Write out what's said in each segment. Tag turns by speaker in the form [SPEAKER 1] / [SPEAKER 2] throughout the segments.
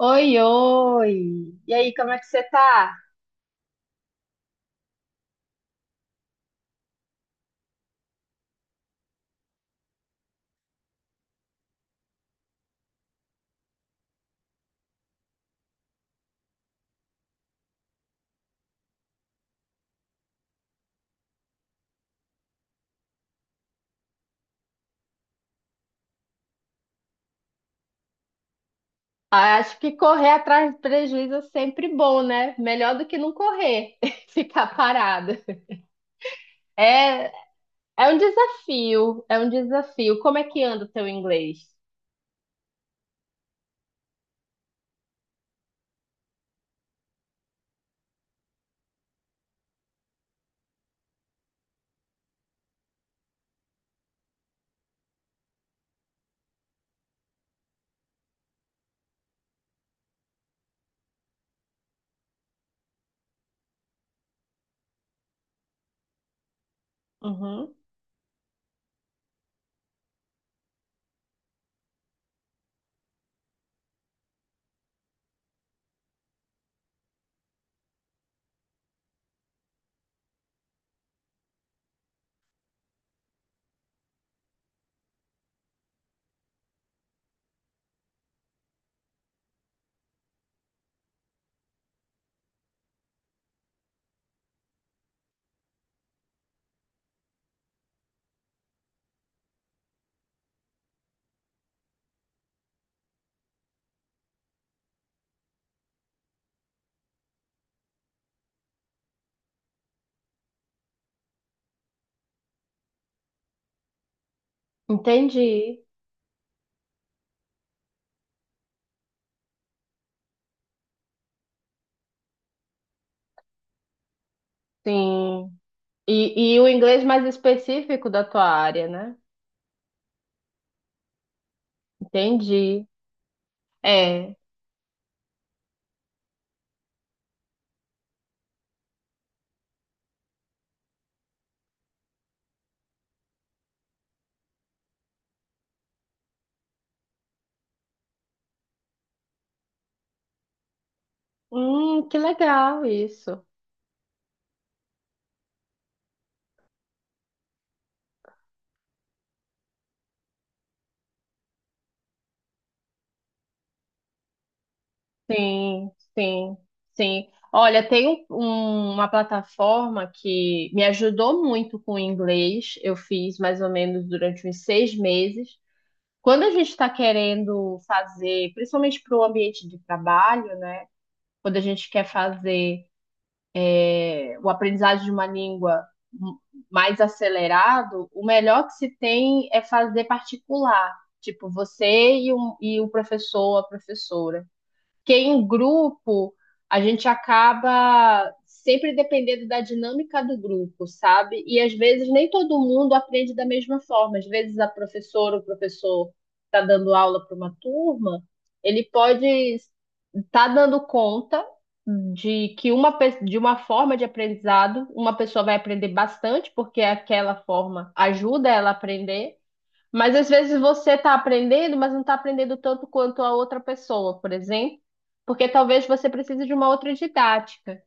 [SPEAKER 1] Oi, oi! E aí, como é que você tá? Ah, acho que correr atrás de prejuízo é sempre bom, né? Melhor do que não correr, ficar parado. É, é um desafio, é um desafio. Como é que anda o teu inglês? Uhum. Entendi, sim. E o inglês mais específico da tua área, né? Entendi. É. Que legal isso. Sim, sim, sim. Olha, tem uma plataforma que me ajudou muito com o inglês. Eu fiz mais ou menos durante uns 6 meses. Quando a gente está querendo fazer, principalmente para o ambiente de trabalho, né? Quando a gente quer fazer o aprendizado de uma língua m- mais acelerado, o melhor que se tem é fazer particular. Tipo, você e o professor, a professora. Porque em grupo, a gente acaba sempre dependendo da dinâmica do grupo, sabe? E às vezes nem todo mundo aprende da mesma forma. Às vezes a professora ou o professor está dando aula para uma turma, ele pode estar dando conta de que de uma forma de aprendizado, uma pessoa vai aprender bastante, porque aquela forma ajuda ela a aprender, mas às vezes você está aprendendo, mas não está aprendendo tanto quanto a outra pessoa, por exemplo, porque talvez você precise de uma outra didática.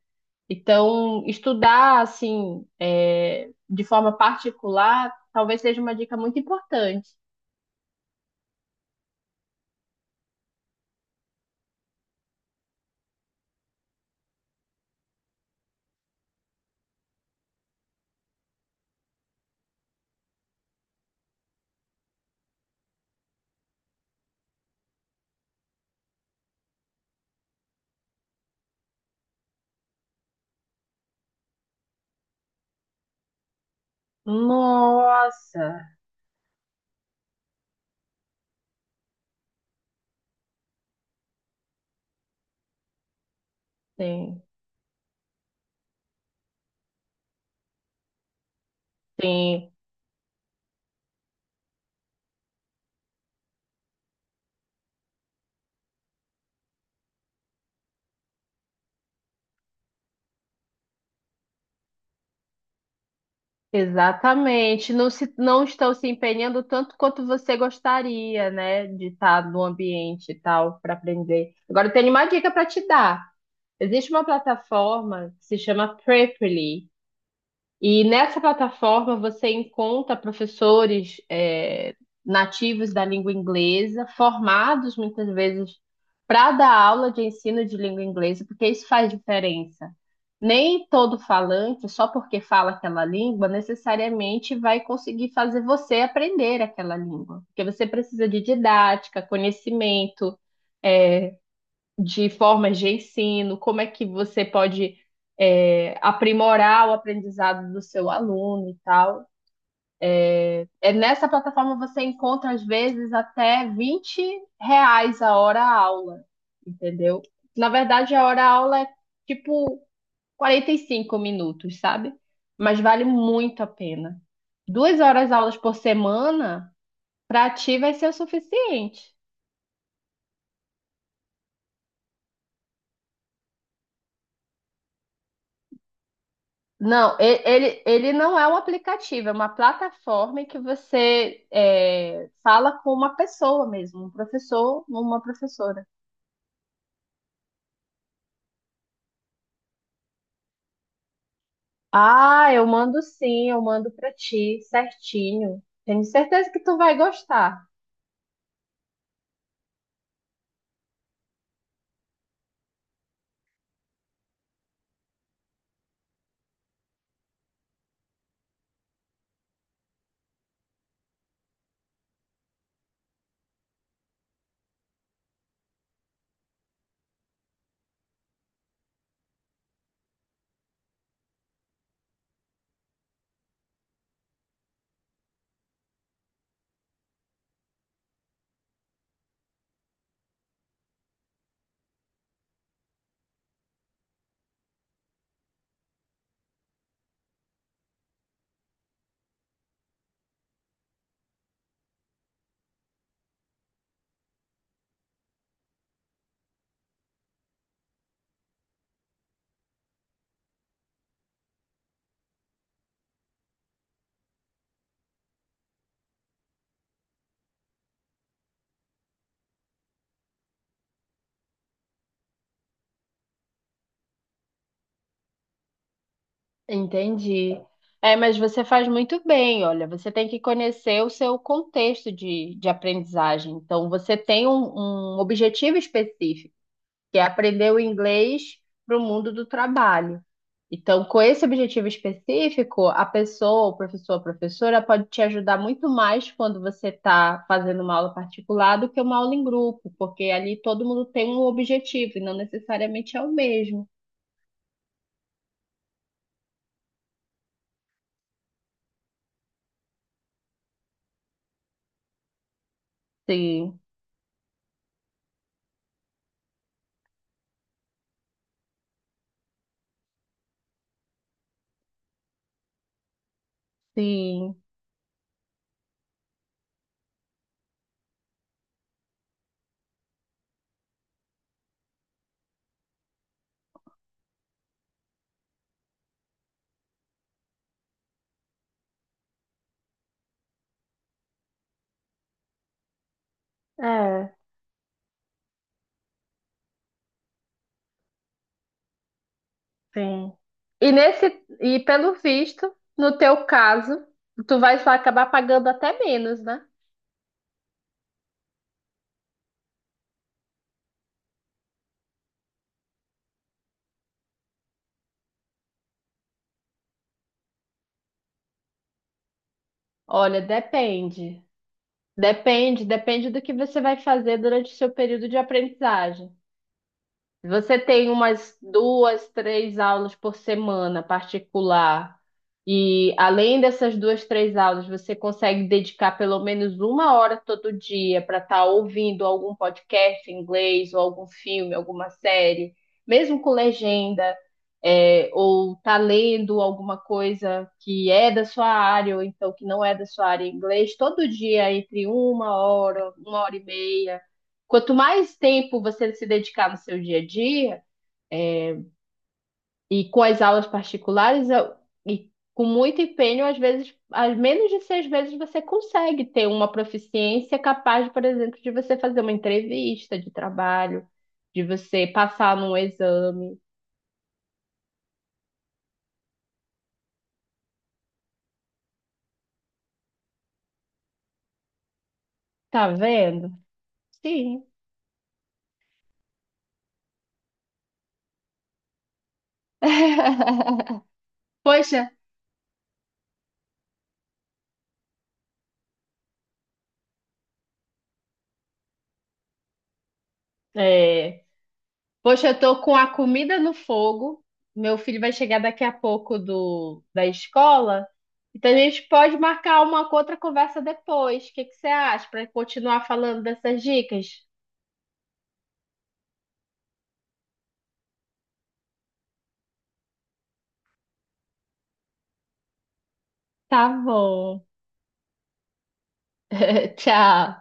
[SPEAKER 1] Então, estudar assim, de forma particular, talvez seja uma dica muito importante. Nossa, sim, sim, exatamente. Não estão se empenhando tanto quanto você gostaria, né, de estar no ambiente e tal para aprender. Agora, eu tenho uma dica para te dar. Existe uma plataforma que se chama Preply, e nessa plataforma você encontra professores nativos da língua inglesa, formados muitas vezes para dar aula de ensino de língua inglesa, porque isso faz diferença. Nem todo falante, só porque fala aquela língua, necessariamente vai conseguir fazer você aprender aquela língua, porque você precisa de didática, conhecimento. é, de formas de ensino, como é que você pode aprimorar o aprendizado do seu aluno e tal. É, nessa plataforma você encontra, às vezes, até R$ 20 a hora-aula, entendeu? Na verdade, a hora-aula é tipo 45 minutos, sabe? Mas vale muito a pena. 2 horas aulas por semana, para ti vai ser o suficiente. Não, ele não é um aplicativo, é uma plataforma em que você fala com uma pessoa mesmo, um professor, uma professora. Ah, eu mando sim, eu mando pra ti, certinho. Tenho certeza que tu vai gostar. Entendi. É, mas você faz muito bem, olha, você tem que conhecer o seu contexto de aprendizagem. Então, você tem um objetivo específico, que é aprender o inglês para o mundo do trabalho. Então, com esse objetivo específico, a pessoa, o professor, a professora pode te ajudar muito mais quando você está fazendo uma aula particular do que uma aula em grupo, porque ali todo mundo tem um objetivo e não necessariamente é o mesmo. Sim, sim, é, sim. E nesse, e pelo visto, no teu caso, tu vai só acabar pagando até menos, né? Olha, depende. Depende, depende do que você vai fazer durante o seu período de aprendizagem. Você tem umas duas, três aulas por semana particular. E além dessas duas, três aulas, você consegue dedicar pelo menos 1 hora todo dia para estar ouvindo algum podcast em inglês, ou algum filme, alguma série, mesmo com legenda, ou tá lendo alguma coisa que é da sua área, ou então que não é da sua área em inglês, todo dia entre 1 hora, 1 hora e meia. Quanto mais tempo você se dedicar no seu dia a dia, e com as aulas particulares, e com muito empenho, às vezes, às menos de 6 meses, você consegue ter uma proficiência capaz, por exemplo, de você fazer uma entrevista de trabalho, de você passar num exame. Tá vendo? Sim. Poxa, é. Poxa, eu tô com a comida no fogo. Meu filho vai chegar daqui a pouco da escola. Então a gente pode marcar uma outra conversa depois. O que que você acha? Para continuar falando dessas dicas? Tá bom. Tchau.